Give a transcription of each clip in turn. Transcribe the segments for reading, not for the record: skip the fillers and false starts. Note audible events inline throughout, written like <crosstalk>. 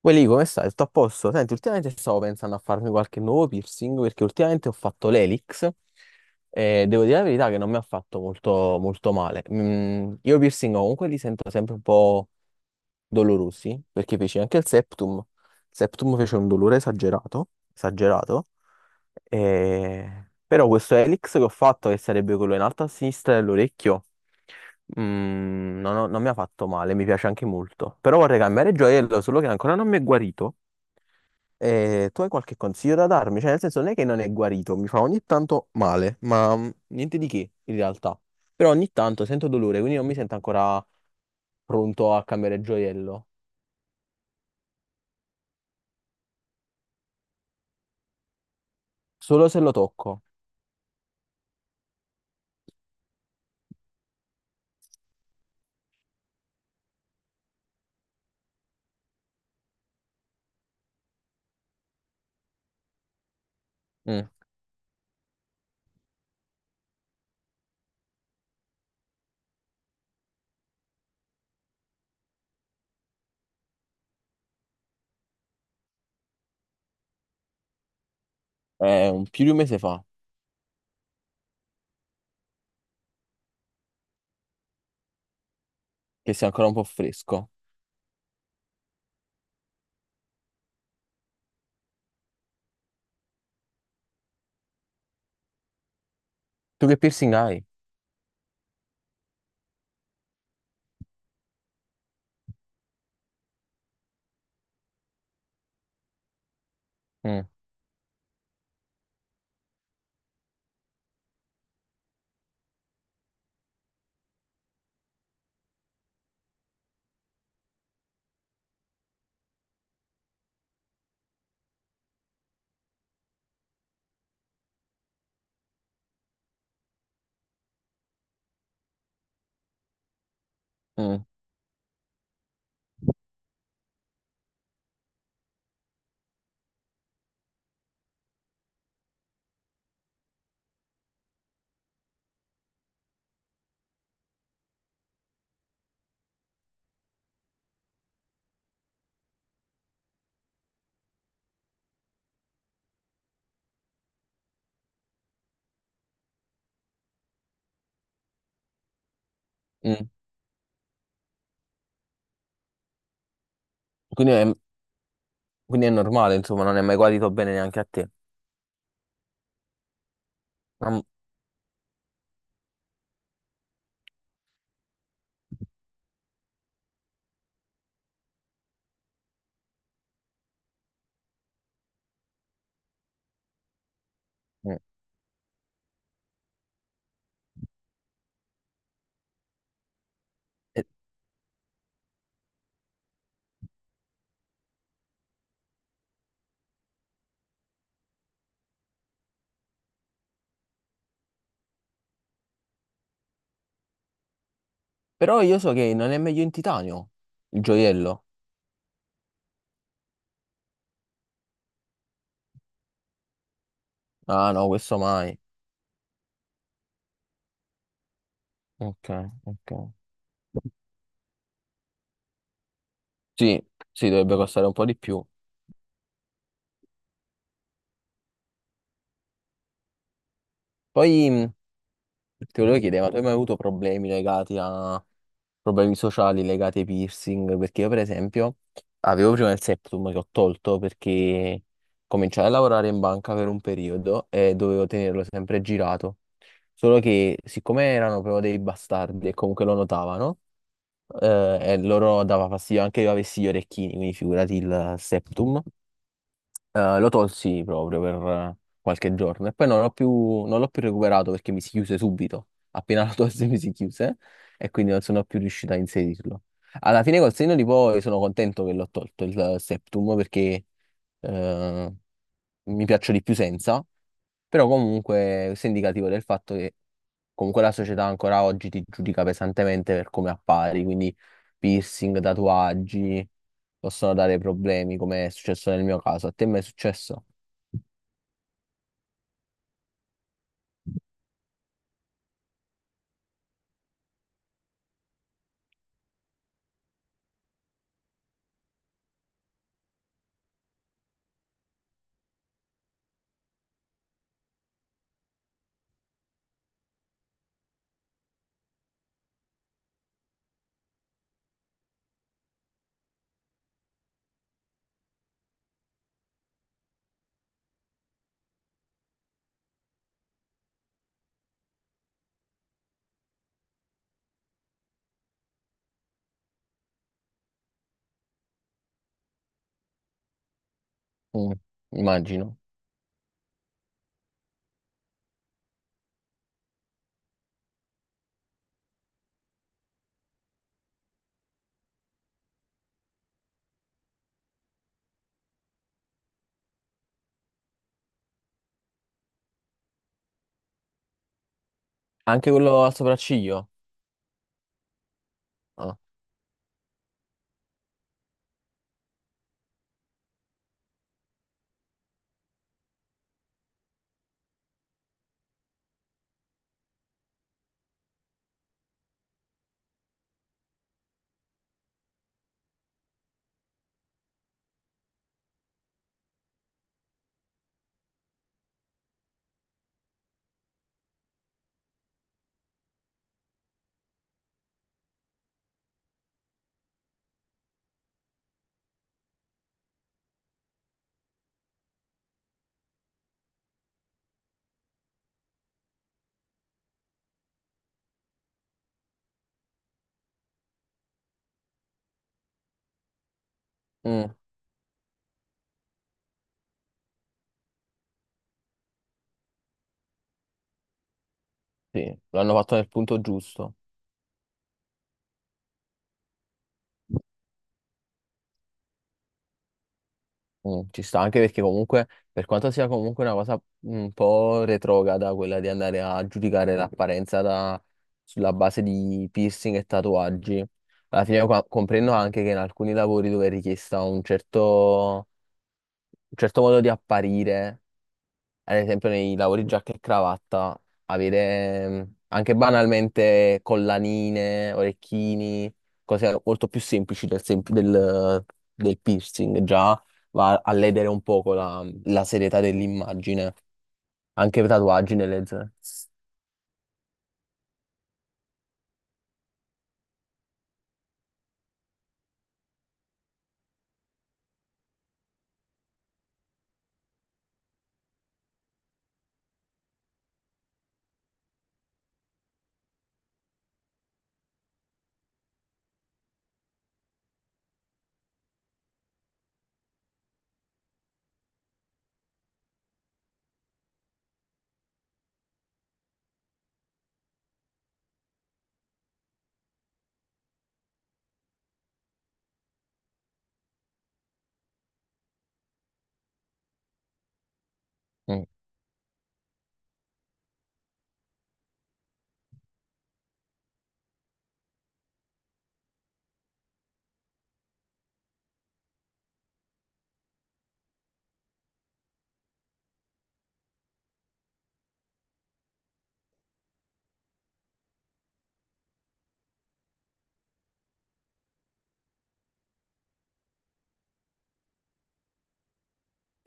Poi lì come stai? Tutto a posto? Senti, ultimamente stavo pensando a farmi qualche nuovo piercing perché ultimamente ho fatto l'elix e devo dire la verità che non mi ha fatto molto male. Io i piercing comunque li sento sempre un po' dolorosi perché feci anche il septum. Il septum fece un dolore esagerato. Però questo elix che ho fatto, che sarebbe quello in alto a sinistra dell'orecchio, no, no, non mi ha fatto male, mi piace anche molto. Però vorrei cambiare gioiello, solo che ancora non mi è guarito. E tu hai qualche consiglio da darmi? Cioè, nel senso, non è che non è guarito, mi fa ogni tanto male, ma niente di che in realtà. Però ogni tanto sento dolore, quindi non mi sento ancora pronto a cambiare gioiello. Solo se lo tocco. Mm. È un più di un mese fa, che sia ancora un po' fresco. Tu che piercing hai? Mm, mm, mm. Quindi è, quindi è normale, insomma, non è mai guarito bene neanche a te. Mm. Eh, Però io so che non è meglio in titanio il gioiello. Ah no, questo mai. Ok, ok. Sì, sì, dovrebbe costare un po' di più. Poi ti volevo chiedere, ma tu hai mai avuto problemi legati a problemi sociali legati ai piercing? Perché io, per esempio, avevo prima il septum che ho tolto perché cominciai a lavorare in banca per un periodo e dovevo tenerlo sempre girato. Solo che, siccome erano proprio dei bastardi e comunque lo notavano, e loro dava fastidio anche che io avessi gli orecchini, quindi figurati il septum. Lo tolsi proprio per qualche giorno e poi non l'ho più recuperato perché mi si chiuse subito. Appena lo tolsi <laughs> mi si chiuse e quindi non sono più riuscito a inserirlo. Alla fine col senno di poi sono contento che l'ho tolto il septum perché eh, mi piaccio di più senza. Però comunque questo è indicativo del fatto che comunque la società ancora oggi ti giudica pesantemente per come appari, quindi piercing, tatuaggi possono dare problemi, come è successo nel mio caso. A te mai è successo? Mm, immagino. Anche quello al sopracciglio? Ah, mm, sì, l'hanno fatto nel punto giusto. Mm, ci sta anche perché comunque, per quanto sia comunque una cosa un po' retrograda, quella di andare a giudicare sulla base di piercing e tatuaggi, comprendo anche che in alcuni lavori dove è richiesta un certo modo di apparire, ad esempio nei lavori giacca e cravatta, avere anche banalmente collanine, orecchini, cose molto più semplici del piercing, già va a ledere un poco la serietà dell'immagine, anche per tatuaggi nelle zone. Mm,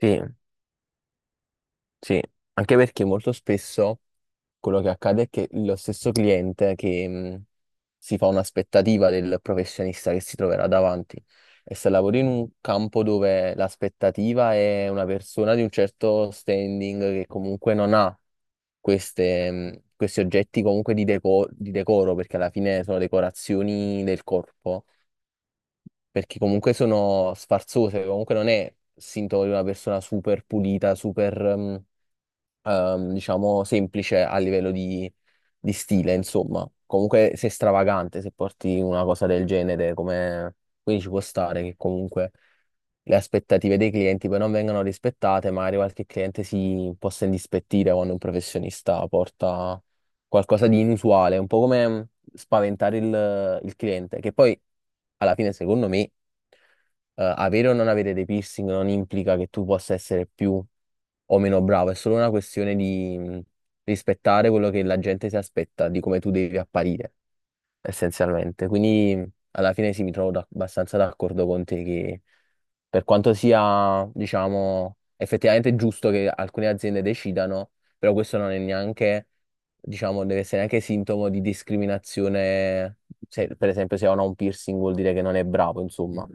sì, sì, anche perché molto spesso quello che accade è che lo stesso cliente che si fa un'aspettativa del professionista che si troverà davanti e se lavori in un campo dove l'aspettativa è una persona di un certo standing che comunque non ha queste, questi oggetti comunque di decoro, perché alla fine sono decorazioni del corpo, perché comunque sono sfarzose, comunque non è sintomo di una persona super pulita, diciamo, semplice a livello di stile, insomma. Comunque sei stravagante se porti una cosa del genere, come... quindi ci può stare che comunque le aspettative dei clienti poi non vengano rispettate, magari qualche cliente si possa indispettire quando un professionista porta qualcosa di inusuale, un po' come spaventare il cliente, che poi alla fine secondo me avere o non avere dei piercing non implica che tu possa essere più o meno bravo, è solo una questione di rispettare quello che la gente si aspetta, di come tu devi apparire, essenzialmente. Quindi alla fine sì, mi trovo abbastanza d'accordo con te che per quanto sia, diciamo, effettivamente giusto che alcune aziende decidano, però questo non è neanche, diciamo, deve essere neanche sintomo di discriminazione. Se, per esempio, se uno ha un piercing vuol dire che non è bravo, insomma.